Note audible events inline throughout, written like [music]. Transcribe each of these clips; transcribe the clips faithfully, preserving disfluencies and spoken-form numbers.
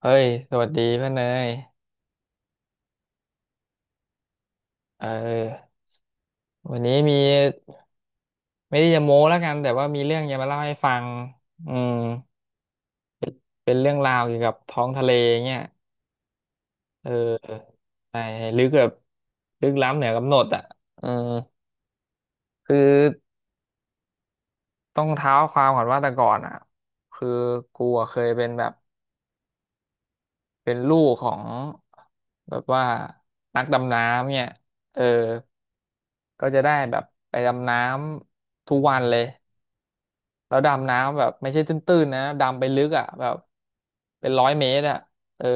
เฮ้ยสวัสดีเพื่อนเนยเออวันนี้มีไม่ได้จะโม้แล้วกันแต่ว่ามีเรื่องจะมาเล่าให้ฟังอืมเป็นเรื่องราวเกี่ยวกับท้องทะเลเงี้ยเออใช่ลึกแบบลึกล้ำเหนือกำหนดอ่ะเออคือต้องเท้าความก่อนว่าแต่ก่อนอ่ะคือกูอะเคยเป็นแบบเป็นลูกของแบบว่านักดำน้ำเนี่ยเออก็จะได้แบบไปดำน้ำทุกวันเลย แล้วดำน้ำแบบไม่ใช่ตื้นๆนะดำไปลึกอ่ะแบบเป็นร้อยเมตรอ่ะเออ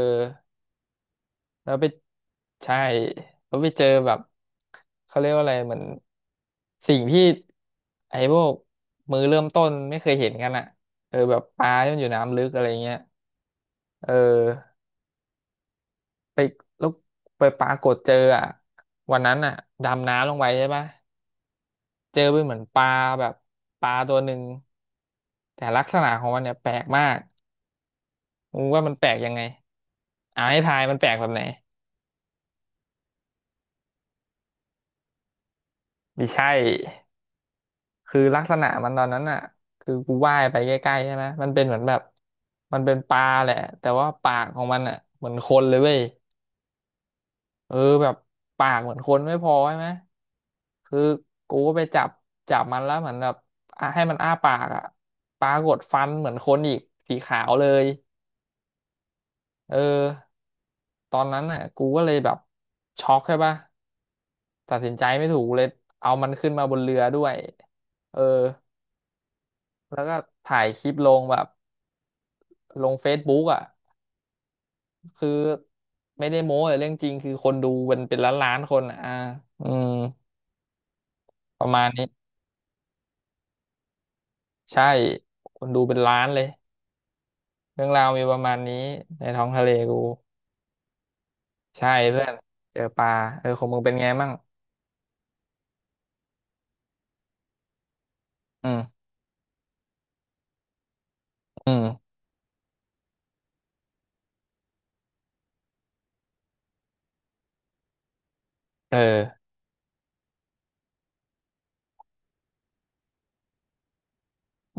แล้วไปใช่แล้วไปเจอแบบเขาเรียกว่าอะไรเหมือนสิ่งที่ไอ้พวกมือเริ่มต้นไม่เคยเห็นกันอ่ะเออแบบปลาที่มันอยู่น้ำลึกอะไรเงี้ยเออไปแล้วไปปรากฏเจออ่ะวันนั้นอ่ะดำน้ำลงไปใช่ปะเจอไปเหมือนปลาแบบปลาตัวหนึ่งแต่ลักษณะของมันเนี่ยแปลกมาก มึงว่ามันแปลกยังไงอ่าให้ทายมันแปลกแบบไหนไม่ใช่คือลักษณะมันตอนนั้นอ่ะคือกูว่ายไปใกล้ๆใช่ไหมมันเป็นเหมือนแบบมันเป็นปลาแหละแต่ว่าปากของมันอ่ะเหมือนคนเลยเว้ยเออแบบปากเหมือนคนไม่พอใช่ไหมคือกูก็ไปจับจับมันแล้วเหมือนแบบอ่ะให้มันอ้าปากอ่ะปรากฏฟันเหมือนคนอีกสีขาวเลยเออตอนนั้นอ่ะกูก็เลยแบบช็อกใช่ปะ ตัดสินใจไม่ถูกเลยเอามันขึ้นมาบนเรือด้วยเออแล้วก็ถ่ายคลิปลงแบบลงเฟซบุ๊กอ่ะคือไม่ได้โม้แต่เรื่องจริงคือคนดูเป็นเป็นล้านล้านคนอะอ่าอืมประมาณนี้ ใช่ คนดูเป็นล้านเลย เรื่องราวมีประมาณนี้ในท้องทะเลกูใช่เพื่อนเจอปลาเออของมึงเป็นไงมั่งอืมอืมเออ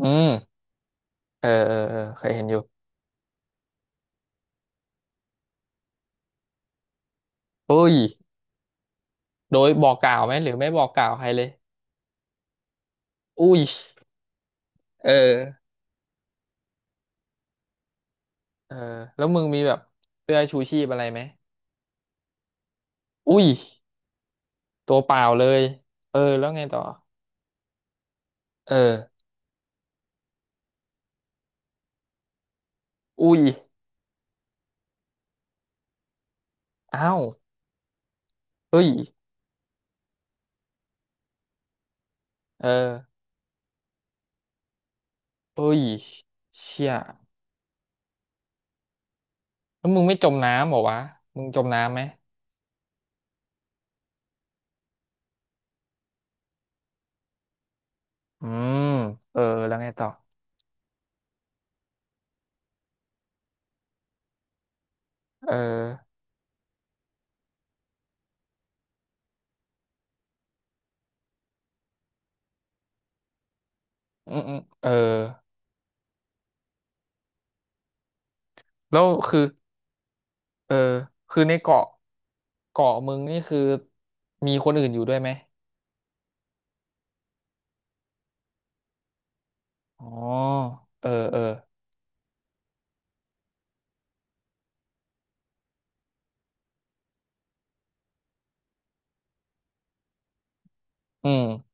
อืมเออเออเออเคยเห็นอยู่อุ้ยโดยบอกกล่าวไหมหรือไม่บอกกล่าวใครเลยอุ้ยเออ เออแล้วมึงมีแบบเสื้อชูชีพอะไรไหมอุ้ยตัวเปล่าเลยเออแล้วไงต่อเอออุ้ยอ้าวเฮ้ยเออเฮ้ยเชี่ยแล้วมึงไม่จมน้ำเหรอวะมึงจมน้ำไหมอืมเออแล้วไงต่อเอออืมอืมเออแล้วคือเออคือในเกาะเกาะมึงนี่คือมีคนอื่นอยู่ด้วยไหมอ๋อเออเอออืม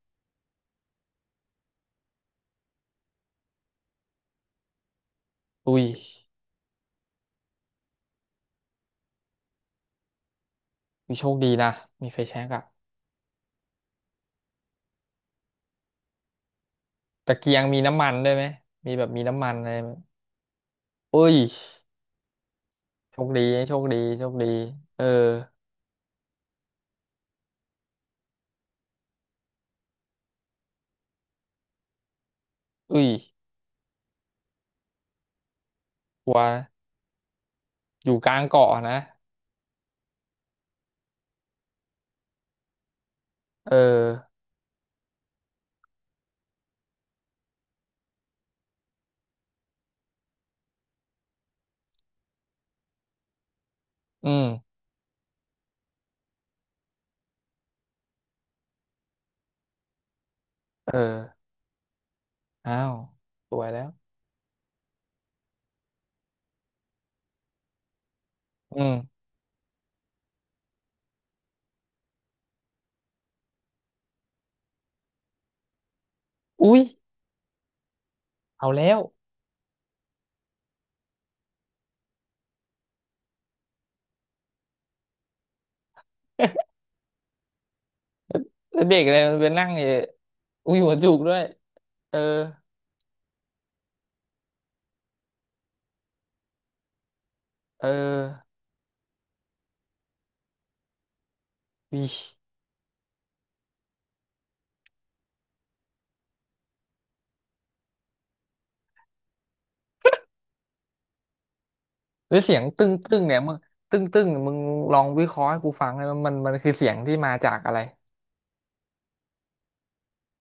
อุ้ยมีโชคดีนะมีไฟแช็กอะ ตะเกียงมีน้ำมันด้วยไหมมีแบบมีน้ำมันอะไรไหมอุ้ยโชคดีโชคดีโชคดีเอออุ้ยกลัวอยู่กลางเกาะนะเอออืมเอออ้าวสวยแล้วอืมอุ้ย เอาแล้ว [laughs] แล้วเด็กอะไรมันไปนั่งอยู่อุ้ยหัวจุกด้วย เออเออวิหรือเสียงตึ้งตึ้งเนี่ยมึงตึ้งตึ้งมึงลองวิเคราะห์ให้กูฟังเลยมันมันมันคือเสียงที่มาจากอะไร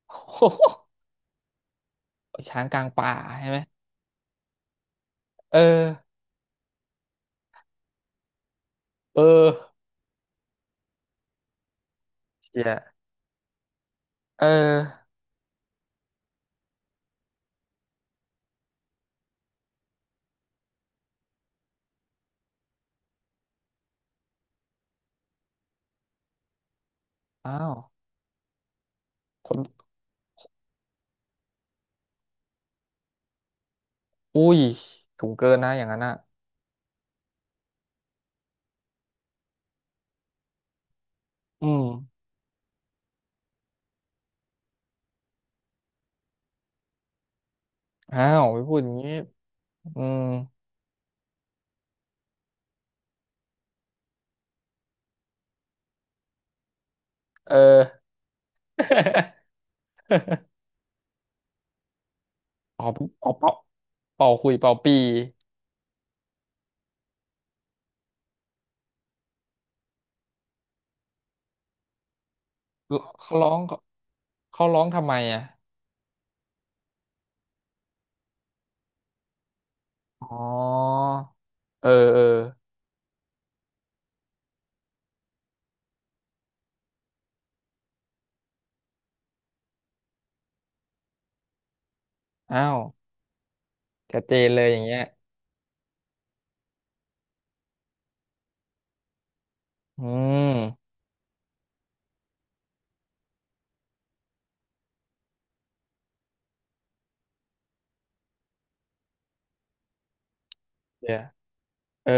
[laughs] โโห [laughs] ช้างกลางป่าใช่ไหมเออ เออเชี่ยเอออ้าวคนอุ้ยสูงเกินนะอย่างนั้นอ่ะอืมอ้าวไม่พูดอย่างนี้อืมเออ [laughs] เป่าเป่าเป่าเป่าคุยเป่าปีเขาร้องเขาร้องทำไมอ่ะอ๋อเออเอออ้าวชัดเจนเลยอย่างเงี้ยอืมเดี๋ยวเออ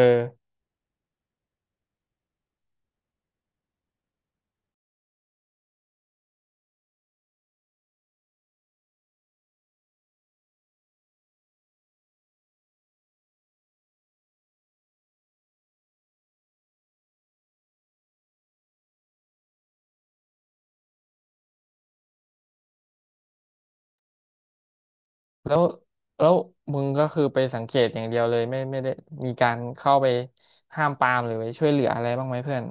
แล้วแล้วมึงก็คือไปสังเกตอย่างเดียวเลยไม่ไม่ได้มีการเข้าไปห้ามปรามหรือไปช่วยเหลืออะไรบ้างไหมเพื่อน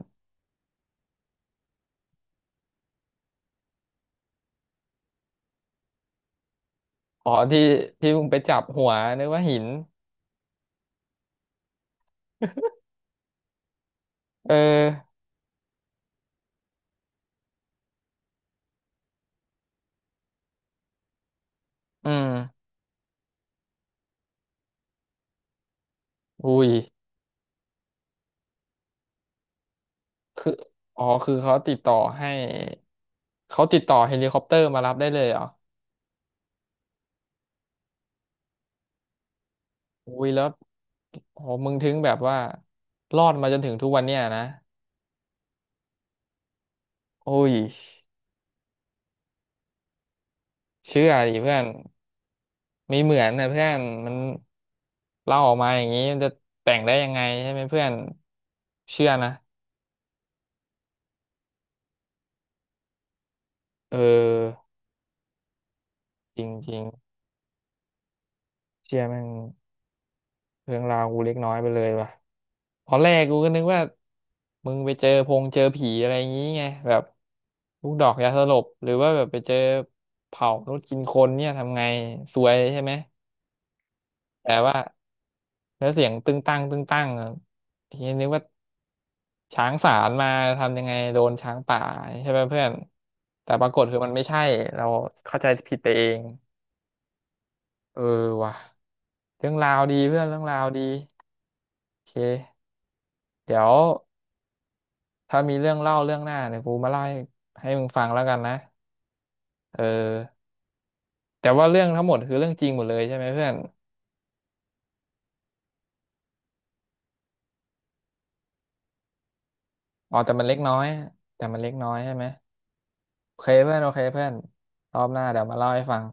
อ๋อที่ที่มึงไปจับหัวนึกว่าหินเอออืมอุ้ยคืออ๋อคือเขาติดต่อให้เขาติดต่อเฮลิคอปเตอร์มารับได้เลยเหรออุ้ยแล้วโอ้มึงถึงแบบว่ารอดมาจนถึงทุกวันเนี้ยนะโอ้ยเชื่อดิเพื่อนไม่เหมือนนะเพื่อนมันเล่าออกมาอย่างนี้มันจะแต่งได้ยังไงใช่ไหมเพื่อนเชื่อนะเออจริงๆเชื่อแม่งเรื่องราวกูเล็กน้อยไปเลยว่ะ ตอนแรกกูก็นึกว่ามึงไปเจอพงเจอผีอะไรอย่างงี้ไงแบบลูกดอกยาสลบหรือว่าแบบไปเจอเผามนุษย์กินคนเนี่ยทำไงซวยใช่ไหมแต่ว่าแล้วเสียงตึงตั้งตึงตั้งอะทีนี้นึกว่าช้างสารมาทำยังไงโดนช้างป่าใช่ไหมเพื่อนแต่ปรากฏคือมันไม่ใช่เราเข้าใจผิดไปเองเออว่ะเรื่องราวดีเพื่อนเรื่องราวดีโอเคเดี๋ยว ถ้ามีเรื่องเล่าเรื่องหน้าเดี๋ยวกูมาเล่าให้ให้มึงฟังแล้วกันนะเออแต่ว่าเรื่องทั้งหมดคือเรื่องจริงหมดเลยใช่ไหมเพื่อนอ๋อแต่มันเล็กน้อยแต่มันเล็กน้อยใช่ไหมโอเคเพื่อนโอเคเพื่อนรอบหน้าเดี๋ยวมาเล่าให้ฟัง